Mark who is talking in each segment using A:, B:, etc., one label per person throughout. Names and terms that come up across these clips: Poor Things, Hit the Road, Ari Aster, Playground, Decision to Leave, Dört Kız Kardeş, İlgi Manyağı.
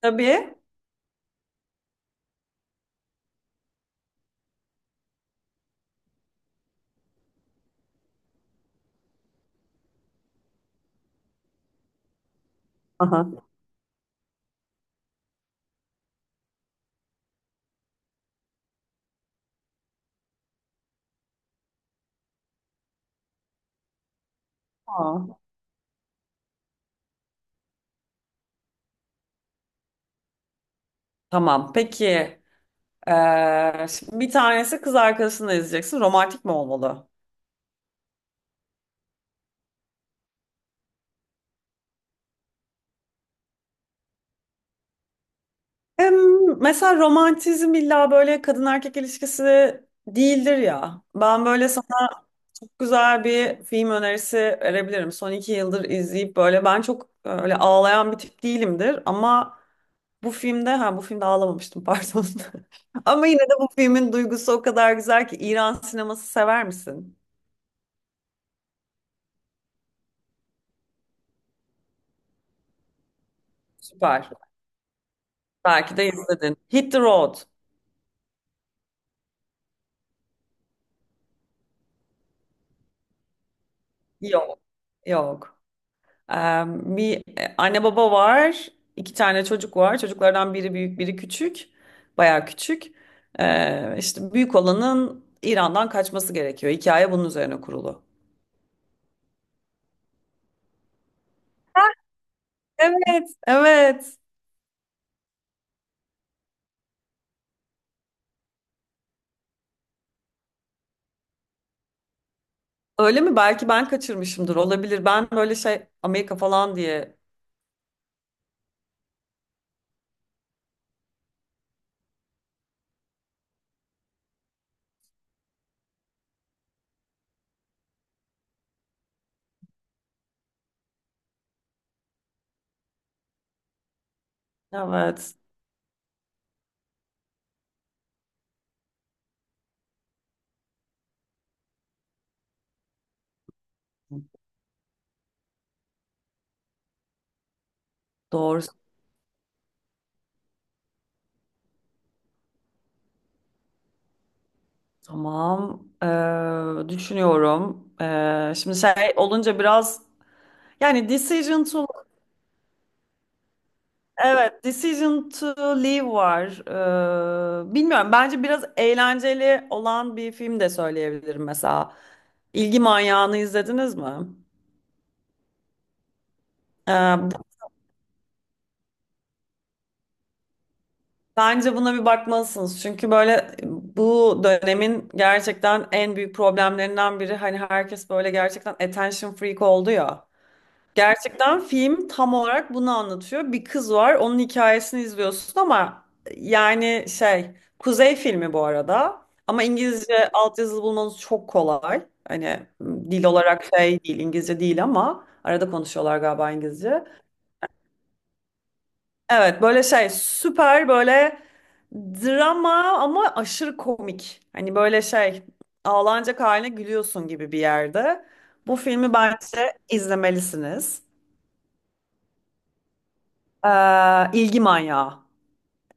A: Tabii. Aha. Aa. Tamam. Peki. Şimdi bir tanesi kız arkadaşını izleyeceksin. Romantik mi olmalı? Em, Mesela romantizm illa böyle kadın erkek ilişkisi değildir ya. Ben böyle sana çok güzel bir film önerisi verebilirim. Son iki yıldır izleyip böyle ben çok öyle ağlayan bir tip değilimdir. Ama bu filmde ağlamamıştım, pardon. Ama yine de bu filmin duygusu o kadar güzel ki. İran sineması sever misin? Süper. Belki de izledin. Hit the Road. Yok. Yok. Ee, Bir anne baba var. İki tane çocuk var. Çocuklardan biri büyük, biri küçük. Bayağı küçük. İşte büyük olanın İran'dan kaçması gerekiyor. Hikaye bunun üzerine kurulu. Evet, evet. Öyle mi? Belki ben kaçırmışımdır. Olabilir. Ben böyle şey Amerika falan diye. Evet. Doğru. Tamam. Düşünüyorum. Şimdi şey olunca biraz yani decision to... Evet, Decision to Leave var. Bilmiyorum. Bence biraz eğlenceli olan bir film de söyleyebilirim mesela. İlgi Manyağı'nı izlediniz mi? Ee, Bence buna bir bakmalısınız. Çünkü böyle bu dönemin gerçekten en büyük problemlerinden biri, hani herkes böyle gerçekten attention freak oldu ya. Gerçekten film tam olarak bunu anlatıyor. Bir kız var, onun hikayesini izliyorsun ama yani şey, Kuzey filmi bu arada. Ama İngilizce altyazılı bulmanız çok kolay. Hani dil olarak şey değil, İngilizce değil, ama arada konuşuyorlar galiba İngilizce. Evet, böyle şey süper, böyle drama ama aşırı komik. Hani böyle şey ağlanacak haline gülüyorsun gibi bir yerde. Bu filmi bence izlemelisiniz. İlgi manyağı.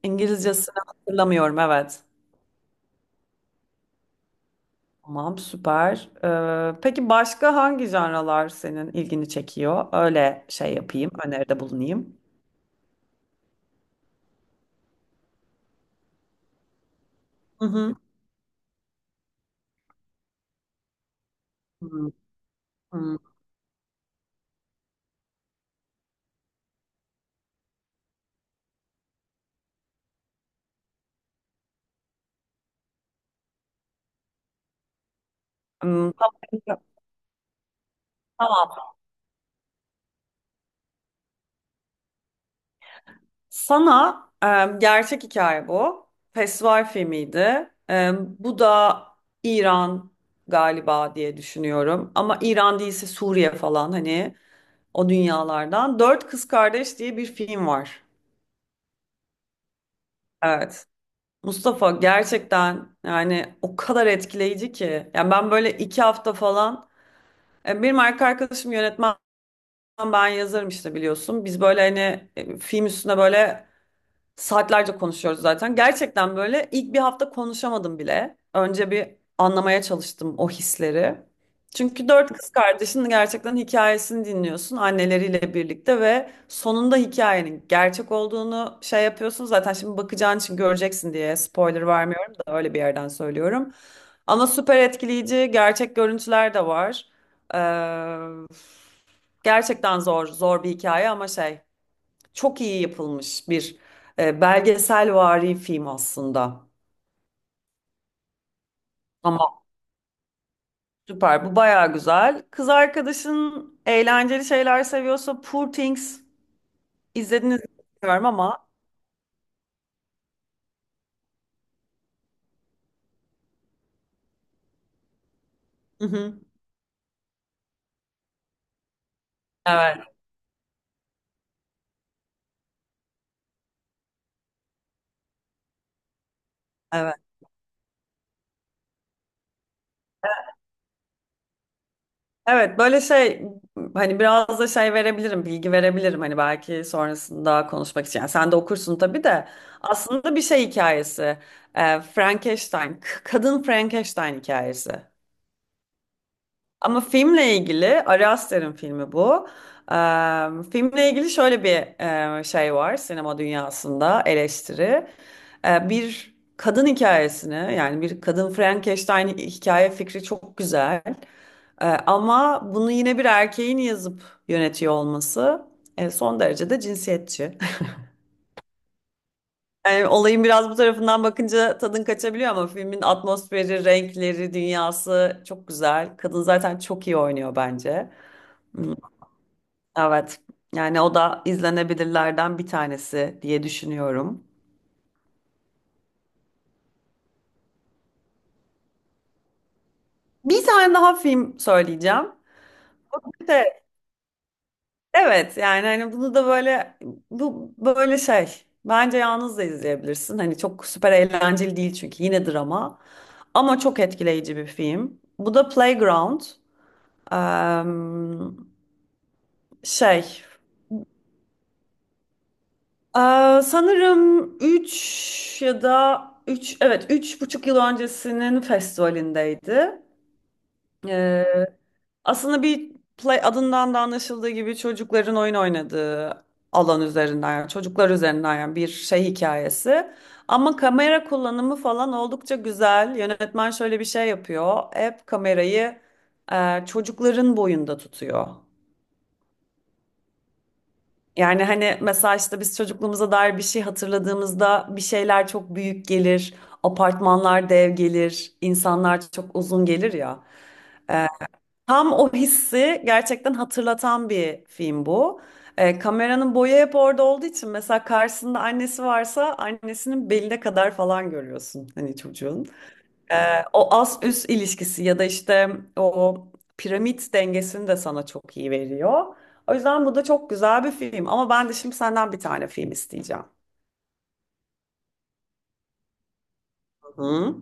A: İngilizcesini hatırlamıyorum, evet. Tamam, süper. Peki başka hangi janralar senin ilgini çekiyor? Öyle şey yapayım, öneride bulunayım. Hı hı. Hı hı. Hmm. Tamam. Tamam. Sana gerçek hikaye bu. Festival filmiydi. E, bu da İran galiba diye düşünüyorum. Ama İran değilse Suriye falan, hani o dünyalardan. Dört Kız Kardeş diye bir film var. Evet. Mustafa, gerçekten yani o kadar etkileyici ki. Yani ben böyle iki hafta falan, benim erkek arkadaşım yönetmen, ben yazarım işte, biliyorsun. Biz böyle hani film üstüne böyle saatlerce konuşuyoruz zaten. Gerçekten böyle ilk bir hafta konuşamadım bile. Önce bir anlamaya çalıştım o hisleri. Çünkü dört kız kardeşin gerçekten hikayesini dinliyorsun anneleriyle birlikte ve sonunda hikayenin gerçek olduğunu şey yapıyorsun. Zaten şimdi bakacağın için göreceksin diye spoiler vermiyorum da öyle bir yerden söylüyorum. Ama süper etkileyici gerçek görüntüler de var. Ee, Gerçekten zor bir hikaye ama şey, çok iyi yapılmış bir belgeselvari film aslında. Ama süper. Bu baya güzel. Kız arkadaşın eğlenceli şeyler seviyorsa Poor Things izlediniz mi bilmiyorum ama. Hı hı. Evet, evet. Evet, böyle şey, hani biraz da şey verebilirim, bilgi verebilirim, hani belki sonrasında konuşmak için. Yani sen de okursun tabii de. Aslında bir şey hikayesi. E, Frankenstein, kadın Frankenstein hikayesi. Ama filmle ilgili, Ari Aster'in filmi bu. Filmle ilgili şöyle bir şey var sinema dünyasında, eleştiri. Bir kadın hikayesini, yani bir kadın Frankenstein hikaye fikri çok güzel. Ama bunu yine bir erkeğin yazıp yönetiyor olması son derece de cinsiyetçi. Yani olayın biraz bu tarafından bakınca tadın kaçabiliyor, ama filmin atmosferi, renkleri, dünyası çok güzel. Kadın zaten çok iyi oynuyor bence. Hmm. Evet. Yani o da izlenebilirlerden bir tanesi diye düşünüyorum. Bir tane daha film söyleyeceğim. De, evet, yani hani bunu da böyle, bu böyle şey. Bence yalnız da izleyebilirsin. Hani çok süper eğlenceli değil çünkü yine drama. Ama çok etkileyici bir film. Bu da Playground. Eee, Şey. Sanırım 3 ya da 3, evet, üç buçuk yıl öncesinin festivalindeydi. Aslında bir, play adından da anlaşıldığı gibi, çocukların oyun oynadığı alan üzerinden, yani çocuklar üzerinden, yani bir şey hikayesi. Ama kamera kullanımı falan oldukça güzel. Yönetmen şöyle bir şey yapıyor. Hep kamerayı çocukların boyunda tutuyor. Yani hani mesela işte biz çocukluğumuza dair bir şey hatırladığımızda bir şeyler çok büyük gelir, apartmanlar dev gelir, insanlar çok uzun gelir ya. E, tam o hissi gerçekten hatırlatan bir film bu. Kameranın boyu hep orada olduğu için, mesela karşısında annesi varsa annesinin beline kadar falan görüyorsun hani çocuğun. O ast üst ilişkisi ya da işte o piramit dengesini de sana çok iyi veriyor. O yüzden bu da çok güzel bir film, ama ben de şimdi senden bir tane film isteyeceğim. Hı?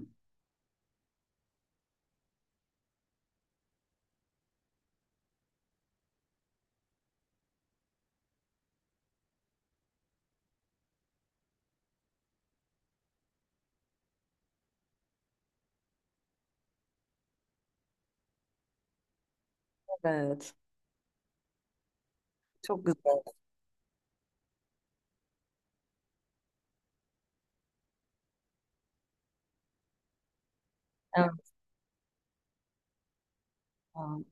A: Evet. Çok güzel. Evet. Tamam.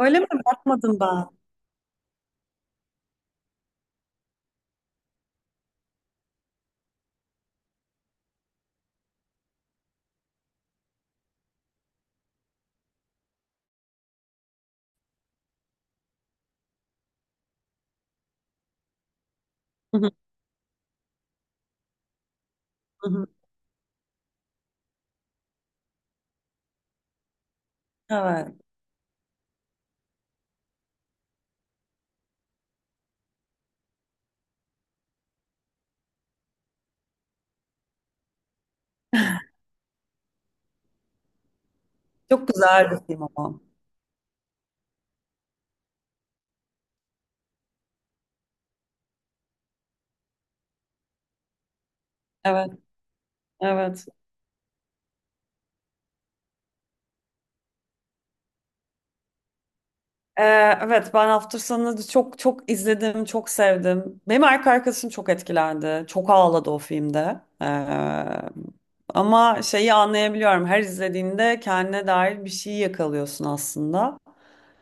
A: Öyle mi? Bakmadım ben. Hı hı, hı hı. Evet. Çok güzel bir film ama. Evet. Evet. Ee, evet, ben hafta sonu çok izledim, çok sevdim. Benim erkek arkadaşım çok etkilendi. Çok ağladı o filmde. Ama şeyi anlayabiliyorum. Her izlediğinde kendine dair bir şey yakalıyorsun aslında.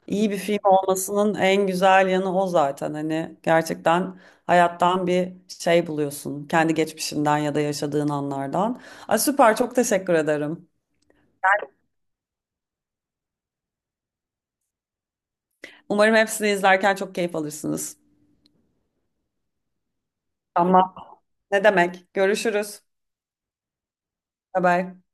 A: İyi bir film olmasının en güzel yanı o zaten. Hani gerçekten hayattan bir şey buluyorsun. Kendi geçmişinden ya da yaşadığın anlardan. Ay, süper, çok teşekkür ederim. Umarım hepsini izlerken çok keyif alırsınız. Tamam. Ne demek? Görüşürüz. Bye bye.